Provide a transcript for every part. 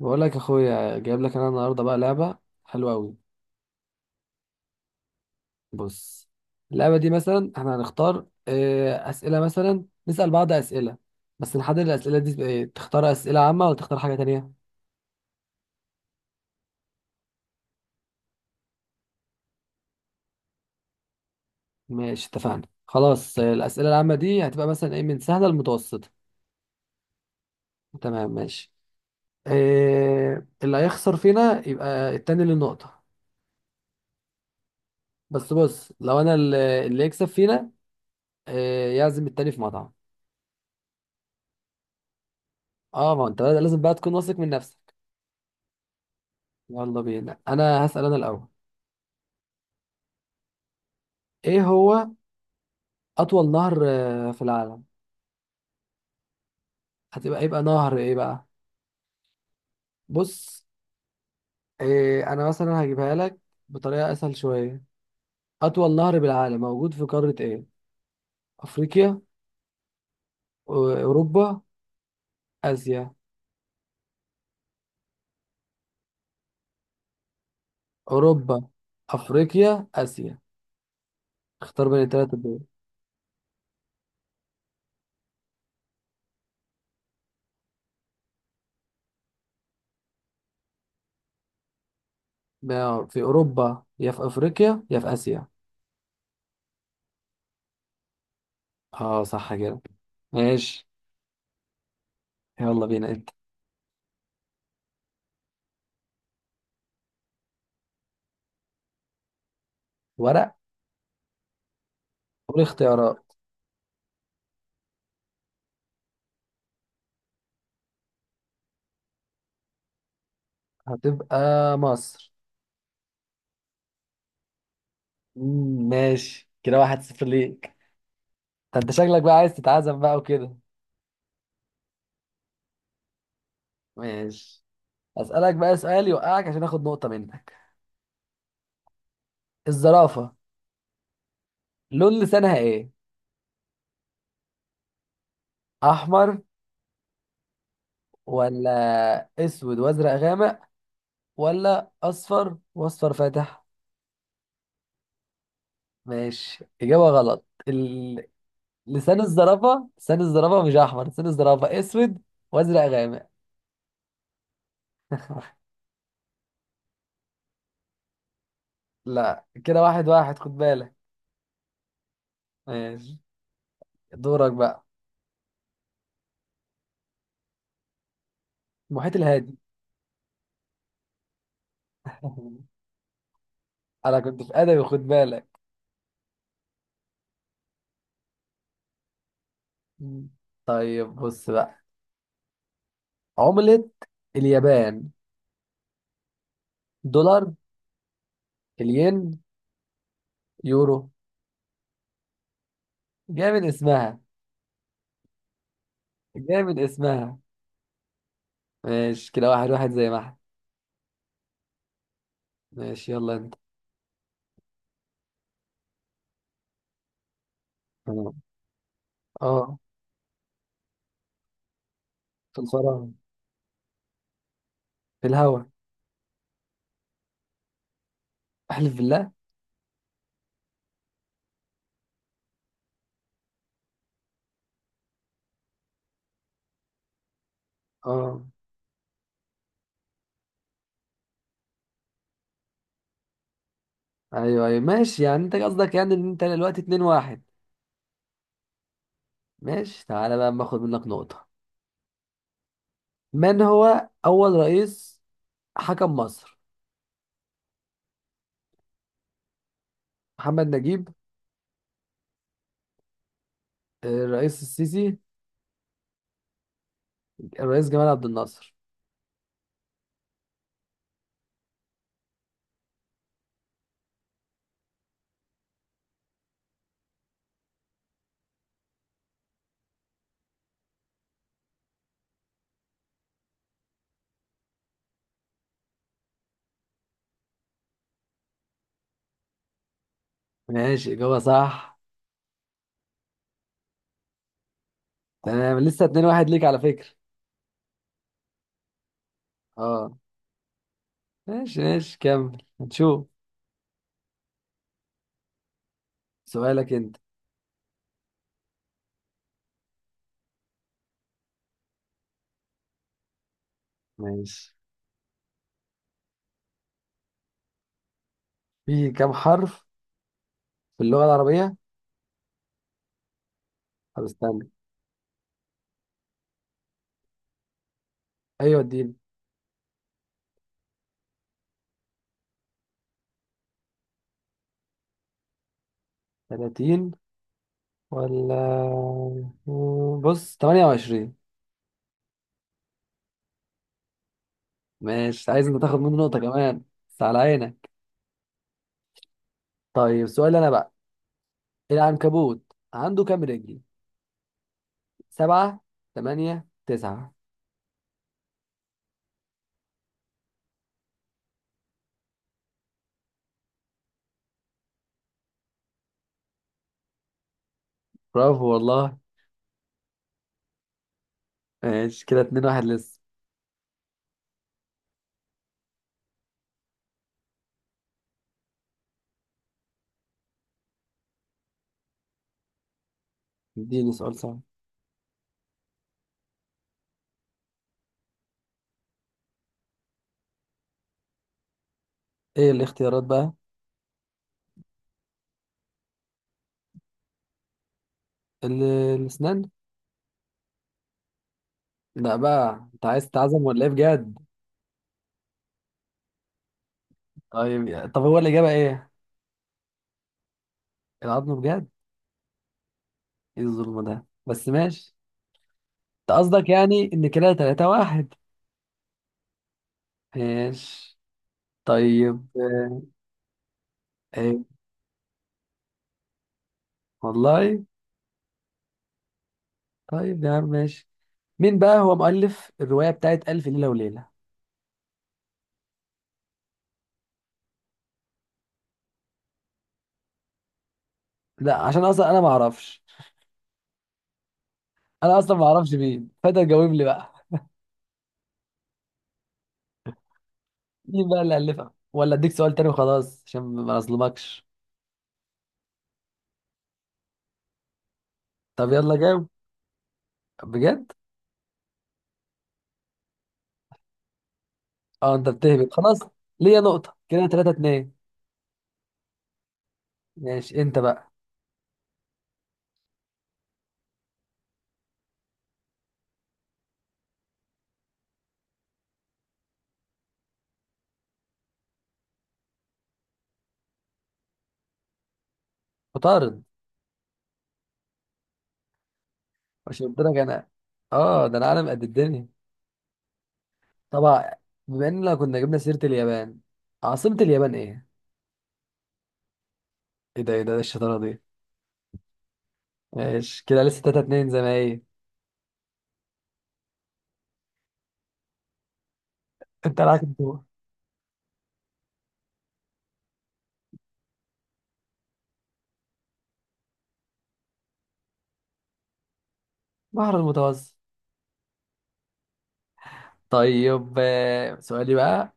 بقول لك يا اخويا، جايب لك انا النهارده بقى لعبه حلوه قوي. بص، اللعبه دي مثلا احنا هنختار اسئله، مثلا نسال بعض اسئله. بس نحدد الاسئله دي بإيه؟ تختار اسئله عامه ولا تختار حاجه تانية؟ ماشي اتفقنا. خلاص، الاسئله العامه دي هتبقى مثلا ايه، من سهله لمتوسطه. تمام ماشي. اللي هيخسر فينا يبقى التاني اللي النقطه. بس بص، لو انا اللي يكسب فينا، يعزم التاني في مطعم. اه، ما هو انت بقى لازم بقى تكون واثق من نفسك. يلا بينا، انا هسأل انا الاول. ايه هو اطول نهر في العالم؟ هتبقى، يبقى نهر ايه بقى؟ بص، إيه، انا مثلا هجيبها لك بطريقة اسهل شوية. اطول نهر بالعالم موجود في قارة ايه؟ افريقيا، أو- اوروبا، اسيا؟ اوروبا، افريقيا، اسيا. اختار بين الثلاثة دول. ما في اوروبا، يا في افريقيا، يا في اسيا. اه صح كده، ماشي. يلا بينا انت. ورق؟ والاختيارات؟ هتبقى مصر. ماشي كده، واحد صفر ليك. ده انت شكلك بقى عايز تتعزم بقى وكده. ماشي، اسألك بقى سؤال يوقعك عشان اخد نقطة منك. الزرافة، لون لسانها ايه؟ احمر، ولا اسود وازرق غامق، ولا اصفر واصفر فاتح؟ ماشي، اجابة غلط. لسان الزرافة، لسان الزرافة مش احمر، لسان الزرافة اسود وازرق غامق. لا كده واحد واحد، خد بالك. ماشي، دورك بقى. المحيط الهادي. انا كنت في ادبي، خد بالك. مم. طيب بص بقى، عملة اليابان؟ دولار، الين، يورو؟ جاي من اسمها. جاي من اسمها. ماشي كده واحد واحد، زي ما احنا. ماشي، يلا انت. تمام. اه، في الفراغ. في الهوا. احلف بالله. اه. ايوه ايوه ماشي، يعني انت قصدك يعني ان انت دلوقتي اتنين واحد. ماشي، تعالى بقى أما اخد منك نقطة. من هو اول رئيس حكم مصر؟ محمد نجيب، الرئيس السيسي، الرئيس جمال عبد الناصر. ماشي، إجابة صح. تمام، لسه 2-1 ليك، على فكرة. اه ماشي ماشي، كمل هنشوف. سؤالك انت. ماشي. في كم حرف في اللغة العربية؟ طب استنى. ايوه اديني. 30، ولا بص 28. ماشي، عايز انت تاخد منه نقطة كمان. بس على عينك. طيب سؤال انا بقى. العنكبوت عنده كام رجل؟ سبعة، تمانية، تسعة؟ برافو والله. ماشي، كده 2-1 لسه. اديني سؤال صعب. ايه الاختيارات بقى؟ ال- الاسنان. لا بقى، انت عايز تتعزم ولا ايه بجد؟ طيب، طب هو الاجابه ايه؟ العظم بجد؟ ايه الظلم ده، بس ماشي. انت قصدك يعني ان كده 3 واحد. ماشي. طيب ايه والله. طيب يا عم ماشي. مين بقى هو مؤلف الروايه بتاعت الف ليله وليله؟ لا عشان اصلا انا ما اعرفش. مين فانت جاوب لي بقى. مين بقى اللي الفها؟ ولا اديك سؤال تاني وخلاص عشان ما اظلمكش؟ طب يلا جاوب. بجد؟ اه انت بتهبط خلاص. ليا نقطه، كده 3 2. ماشي، انت بقى. مطارد. عشان قلت لك انا، اه ده انا عالم قد الدنيا. طبعا، بما اننا كنا جبنا سيرة اليابان، عاصمة اليابان ايه؟ ايه ده، ايه ده، ايه الشطارة دي؟ ماشي كده، لسه 3 2 زي ما هي. انت معاك الدور. بحر المتوسط. طيب سؤالي بقى،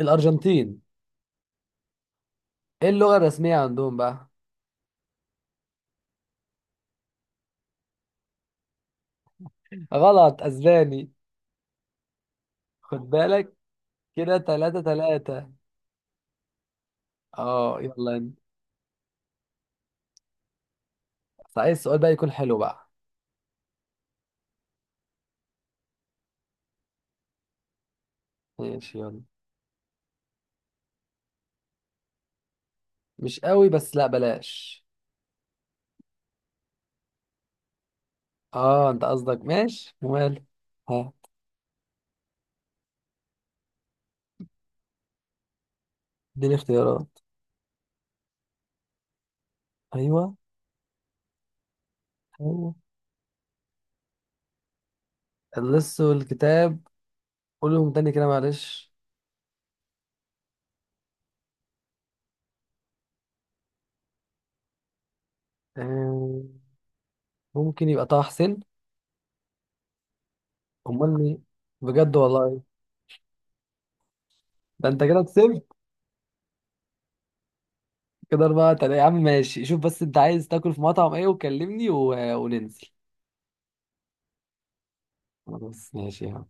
الأرجنتين، ايه اللغة الرسمية عندهم بقى؟ غلط، اسباني. خد بالك، كده 3 3. اه يلا انت. عايز السؤال بقى يكون حلو بقى. ماشي يلا. مش قوي، بس لا بلاش. اه انت قصدك، ماشي ومال. ها، اديني اختيارات. ايوه. ايوه. اللص والكتاب، قولهم تاني كده معلش. آه، ممكن يبقى طه حسين. امال مين؟ بجد والله؟ ده انت كده كسبت. كده اربعة تلاتة، يا عم ماشي. شوف بس انت عايز تاكل في مطعم ايه وكلمني، وننزل. خلاص ماشي يا عم.